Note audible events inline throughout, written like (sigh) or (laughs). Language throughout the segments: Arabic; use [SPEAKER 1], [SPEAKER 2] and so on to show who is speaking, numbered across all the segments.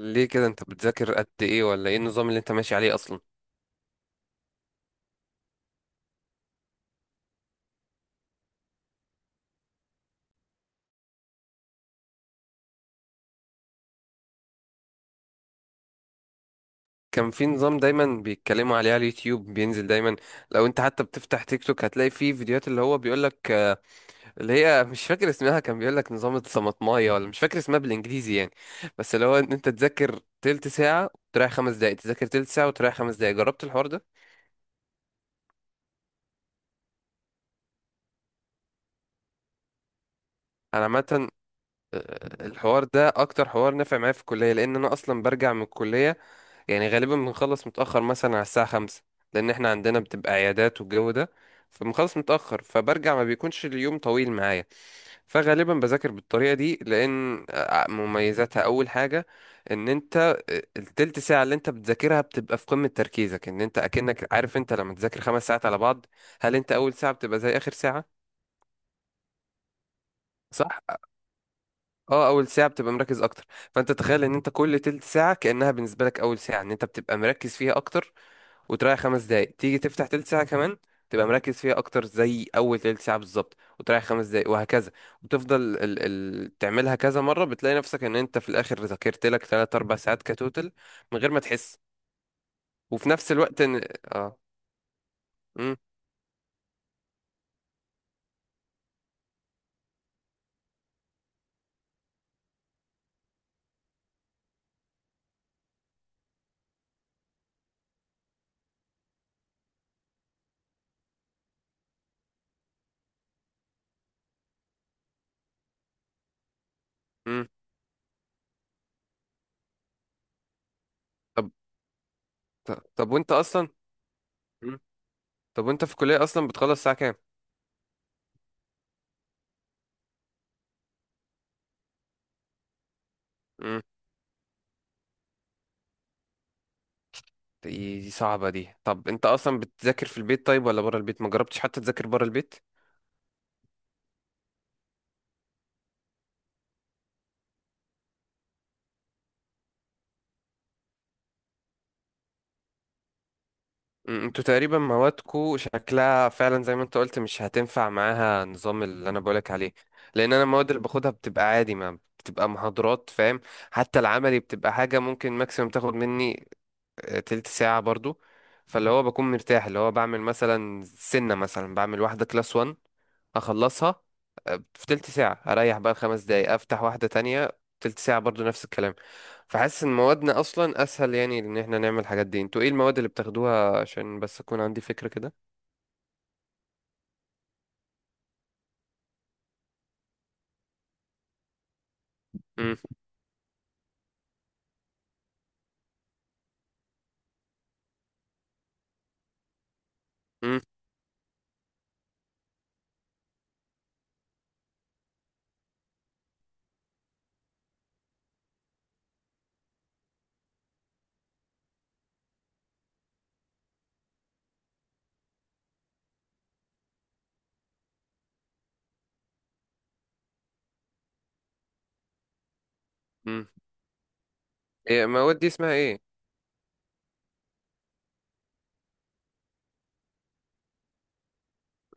[SPEAKER 1] ليه كده؟ انت بتذاكر قد ايه، ولا ايه النظام اللي انت ماشي عليه اصلا؟ كان في نظام دايما بيتكلموا عليه على اليوتيوب، بينزل دايما. لو انت حتى بتفتح تيك توك هتلاقي فيه فيديوهات اللي هو بيقولك، اللي هي مش فاكر اسمها، كان بيقولك نظام الطماطمايه، ولا مش فاكر اسمها بالانجليزي يعني. بس اللي هو ان انت تذاكر تلت ساعة وتريح خمس دقايق، تذاكر تلت ساعة وتريح خمس دقايق. جربت الحوار ده؟ انا عامة، الحوار ده اكتر حوار نافع معايا في الكليه، لان انا اصلا برجع من الكليه. يعني غالبا بنخلص متاخر، مثلا على الساعه 5، لان احنا عندنا بتبقى عيادات والجو ده. فبنخلص متاخر، فبرجع، ما بيكونش اليوم طويل معايا. فغالبا بذاكر بالطريقه دي، لان مميزاتها اول حاجه، ان انت التلت ساعه اللي انت بتذاكرها بتبقى في قمه تركيزك، ان انت اكنك عارف. انت لما تذاكر 5 ساعات على بعض، هل انت اول ساعه بتبقى زي اخر ساعه؟ صح. اه، اول ساعه بتبقى مركز اكتر. فانت تخيل ان انت كل تلت ساعه كانها بالنسبه لك اول ساعه، ان انت بتبقى مركز فيها اكتر، وتريح خمس دقايق، تيجي تفتح تلت ساعه كمان، تبقى مركز فيها اكتر زي اول تلت ساعه بالظبط، وتريح خمس دقايق وهكذا. وتفضل ال تعملها كذا مره، بتلاقي نفسك ان انت في الاخر ذاكرت لك 3 4 ساعات كتوتل، من غير ما تحس. وفي نفس الوقت ان اه امم. امم. طب طب طب وانت اصلا. مم. طب وانت في الكليه اصلا بتخلص الساعه كام؟ دي دي صعبة دي. طب انت اصلا بتذاكر في البيت طيب، ولا برا البيت؟ ما جربتش حتى تذاكر برا البيت؟ انتوا تقريبا موادكو شكلها فعلا زي ما انت قلت مش هتنفع معاها النظام اللي انا بقولك عليه، لان انا المواد اللي باخدها بتبقى عادي، ما بتبقى محاضرات، فاهم. حتى العملي بتبقى حاجة ممكن ماكسيموم تاخد مني تلت ساعة برضو. فاللي هو بكون مرتاح، اللي هو بعمل مثلا سنة، مثلا بعمل واحدة كلاس 1، اخلصها في تلت ساعة، اريح بقى خمس دقايق، افتح واحدة تانية تلت ساعة برضو نفس الكلام. فحاسس ان موادنا اصلا اسهل، يعني ان احنا نعمل الحاجات دي. انتوا ايه المواد اللي بتاخدوها عشان بس اكون عندي فكرة كده؟ امم. امم. امم ايه المواد دي؟ اسمها ايه؟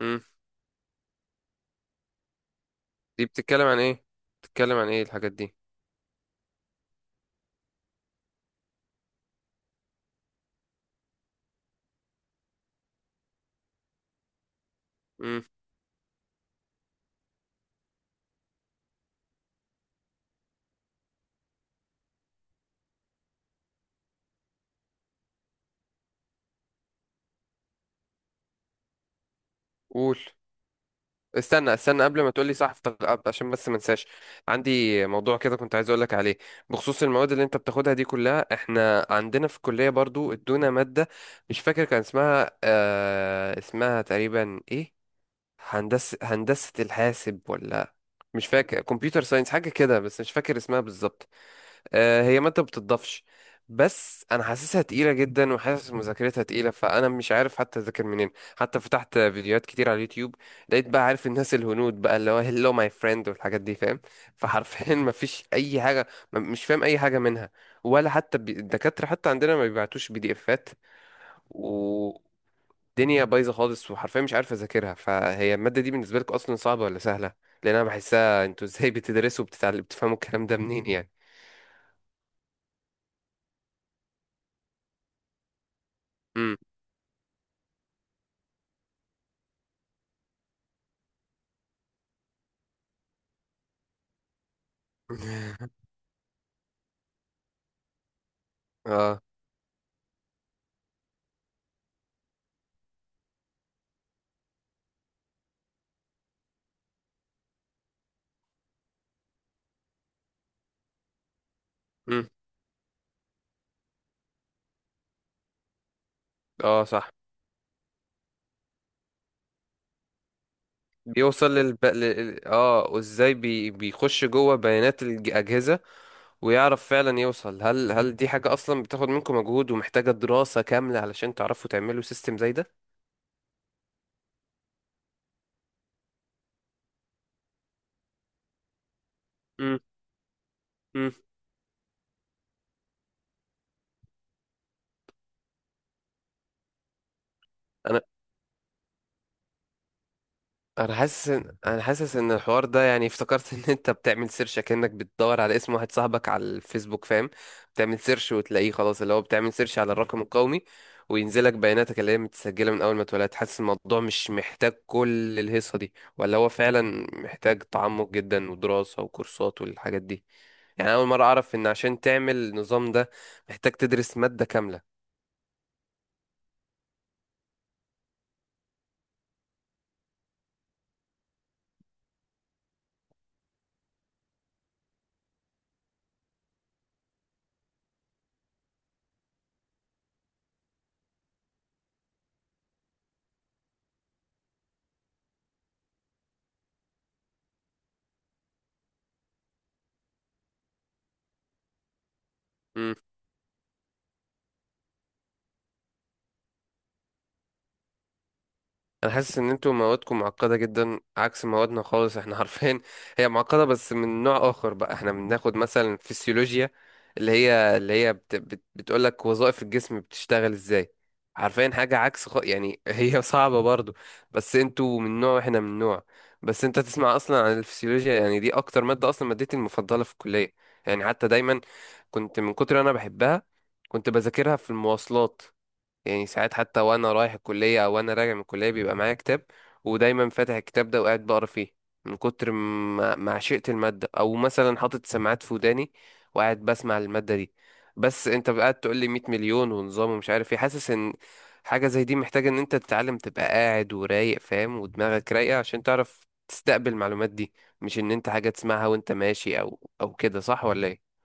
[SPEAKER 1] امم دي بتتكلم عن ايه؟ بتتكلم عن ايه الحاجات دي؟ امم قول. استنى استنى قبل ما تقولي، صح. عشان بس ما انساش. عندي موضوع كده كنت عايز اقولك عليه، بخصوص المواد اللي انت بتاخدها دي كلها. احنا عندنا في الكلية برضو ادونا مادة، مش فاكر كان اسمها، اسمها تقريبا ايه؟ هندسة، الحاسب، ولا مش فاكر. كمبيوتر ساينس حاجة كده، بس مش فاكر اسمها بالظبط. هي مادة بتضافش، بس انا حاسسها تقيلة جدا، وحاسس مذاكرتها تقيلة، فانا مش عارف حتى اذاكر منين. حتى فتحت فيديوهات كتير على اليوتيوب، لقيت بقى، عارف، الناس الهنود بقى، اللي هو هلو ماي فريند والحاجات دي، فاهم. فحرفيا (laughs) ما فيش اي حاجة. مش فاهم اي حاجة منها، ولا حتى الدكاترة حتى عندنا ما بيبعتوش بي دي افات، والدنيا بايظة خالص، وحرفيا مش عارف اذاكرها. فهي المادة دي بالنسبة لك اصلا صعبة ولا سهلة؟ لان انا بحسها، انتوا ازاي بتدرسوا وبتتعلموا، بتفهموا الكلام ده منين يعني؟ امم. (laughs) اه. مم. اه، صح. بيوصل وازاي بيخش جوه بيانات الأجهزة، ويعرف فعلا يوصل. هل دي حاجة أصلا بتاخد منكم مجهود ومحتاجة دراسة كاملة علشان تعرفوا تعملوا سيستم زي ده؟ مم. مم. أنا انا حاسس ان انا حاسس ان الحوار ده يعني افتكرت (laughs) ان انت بتعمل سيرش كأنك بتدور على اسم واحد صاحبك على الفيسبوك، فاهم. بتعمل سيرش وتلاقيه خلاص، اللي هو بتعمل سيرش على الرقم القومي، وينزلك بياناتك اللي هي متسجلة من اول ما اتولدت. حاسس الموضوع مش محتاج كل الهيصة دي، ولا هو فعلا محتاج تعمق جدا ودراسة وكورسات والحاجات دي؟ يعني أنا اول مرة اعرف ان عشان تعمل النظام ده محتاج تدرس مادة كاملة. انا حاسس ان انتوا موادكم معقده جدا، عكس موادنا خالص احنا (laughs) عارفين. هي معقده بس من نوع اخر بقى. احنا بناخد مثلا فسيولوجيا، اللي هي بت بت بتقول لك وظائف الجسم بتشتغل ازاي، عارفين حاجه عكس، يعني (laughs) هي صعبه برضو. بس انتوا من نوع، احنا من نوع. بس انت تسمع اصلا عن الفسيولوجيا، يعني دي اكتر ماده اصلا، مادتي المفضله في الكليه. يعني حتى دايما كنت، من كتر انا بحبها كنت بذاكرها في المواصلات. يعني ساعات، حتى وانا رايح الكلية او وانا راجع من الكلية، بيبقى معايا كتاب، ودايما فاتح الكتاب ده وقاعد بقرا فيه، من كتر ما عشقت المادة. او مثلا حاطط سماعات في وداني، وقاعد بسمع المادة دي. بس انت قاعد تقول لي 100 مليون ونظام ومش عارف ايه، حاسس ان حاجة زي دي محتاجة ان انت تتعلم، تبقى قاعد ورايق فاهم ودماغك رايقة عشان تعرف تستقبل المعلومات دي. مش ان انت حاجة تسمعها وانت ماشي او كده، صح ولا ايه؟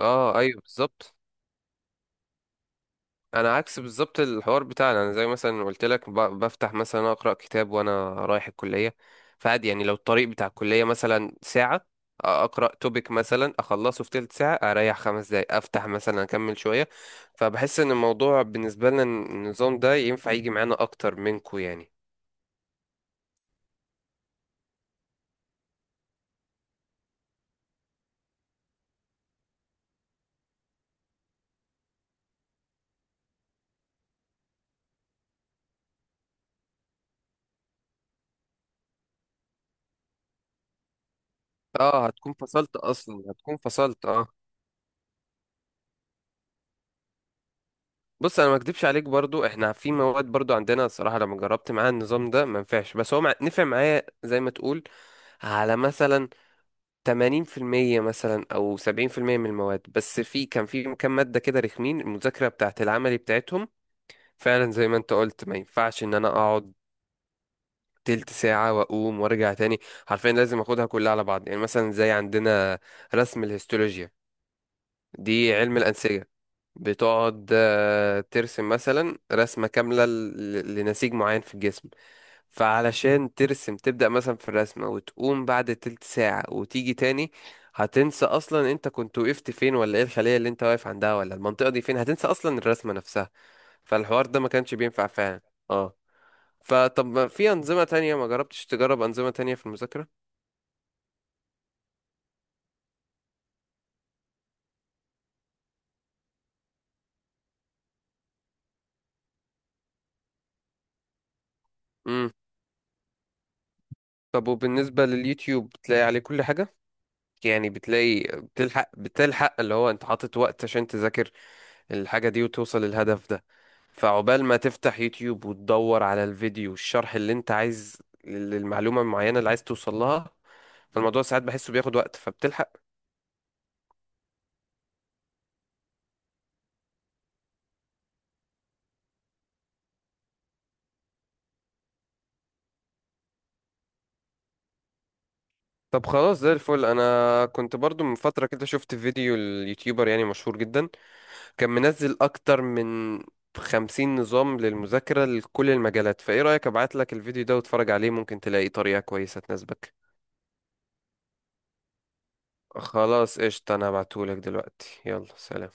[SPEAKER 1] اه، ايوه، بالظبط. انا عكس بالظبط الحوار بتاعنا، انا زي مثلا قلت لك، بفتح مثلا اقرا كتاب وانا رايح الكليه. فعادي يعني، لو الطريق بتاع الكليه مثلا ساعه، اقرا توبيك مثلا اخلصه في تلت ساعه، اريح خمس دقايق، افتح مثلا اكمل شويه. فبحس ان الموضوع بالنسبه لنا النظام ده ينفع يجي معانا اكتر منكو يعني. اه، هتكون فصلت اصلا، هتكون فصلت، اه. بص، انا ما اكدبش عليك. برضو احنا في مواد، برضو عندنا الصراحه لما جربت معاها النظام ده ما نفعش، بس هو نفع معايا زي ما تقول، على مثلا 80%، مثلا أو 70% من المواد. بس كان في كام مادة كده رخمين، المذاكرة بتاعت العملي بتاعتهم فعلا زي ما أنت قلت ما ينفعش إن أنا أقعد تلت ساعة وأقوم وأرجع تاني. حرفيا لازم أخدها كلها على بعض، يعني مثلا زي عندنا رسم الهيستولوجيا، دي علم الأنسجة، بتقعد ترسم مثلا رسمة كاملة لنسيج معين في الجسم. فعلشان ترسم تبدأ مثلا في الرسمة، وتقوم بعد تلت ساعة وتيجي تاني، هتنسى أصلا أنت كنت وقفت فين، ولا إيه الخلية اللي أنت واقف عندها، ولا المنطقة دي فين. هتنسى أصلا الرسمة نفسها. فالحوار ده ما كانش بينفع فعلا. اه. فطب، ما في أنظمة تانية؟ ما جربتش تجرب أنظمة تانية في المذاكرة؟ امم طب وبالنسبة لليوتيوب بتلاقي عليه كل حاجة؟ يعني بتلاقي، بتلحق اللي هو أنت حاطط وقت عشان تذاكر الحاجة دي وتوصل للهدف ده؟ فعقبال ما تفتح يوتيوب وتدور على الفيديو والشرح اللي انت عايز للمعلومة المعينة اللي عايز توصل لها، فالموضوع ساعات بحسه بياخد وقت، فبتلحق؟ طب خلاص زي الفل. انا كنت برضو من فترة كده شفت فيديو اليوتيوبر، يعني مشهور جدا، كان منزل اكتر من 50 نظام للمذاكرة لكل المجالات. فايه رأيك ابعت لك الفيديو ده واتفرج عليه؟ ممكن تلاقي طريقة كويسة تناسبك. خلاص قشطة، انا هبعتهولك دلوقتي. يلا، سلام.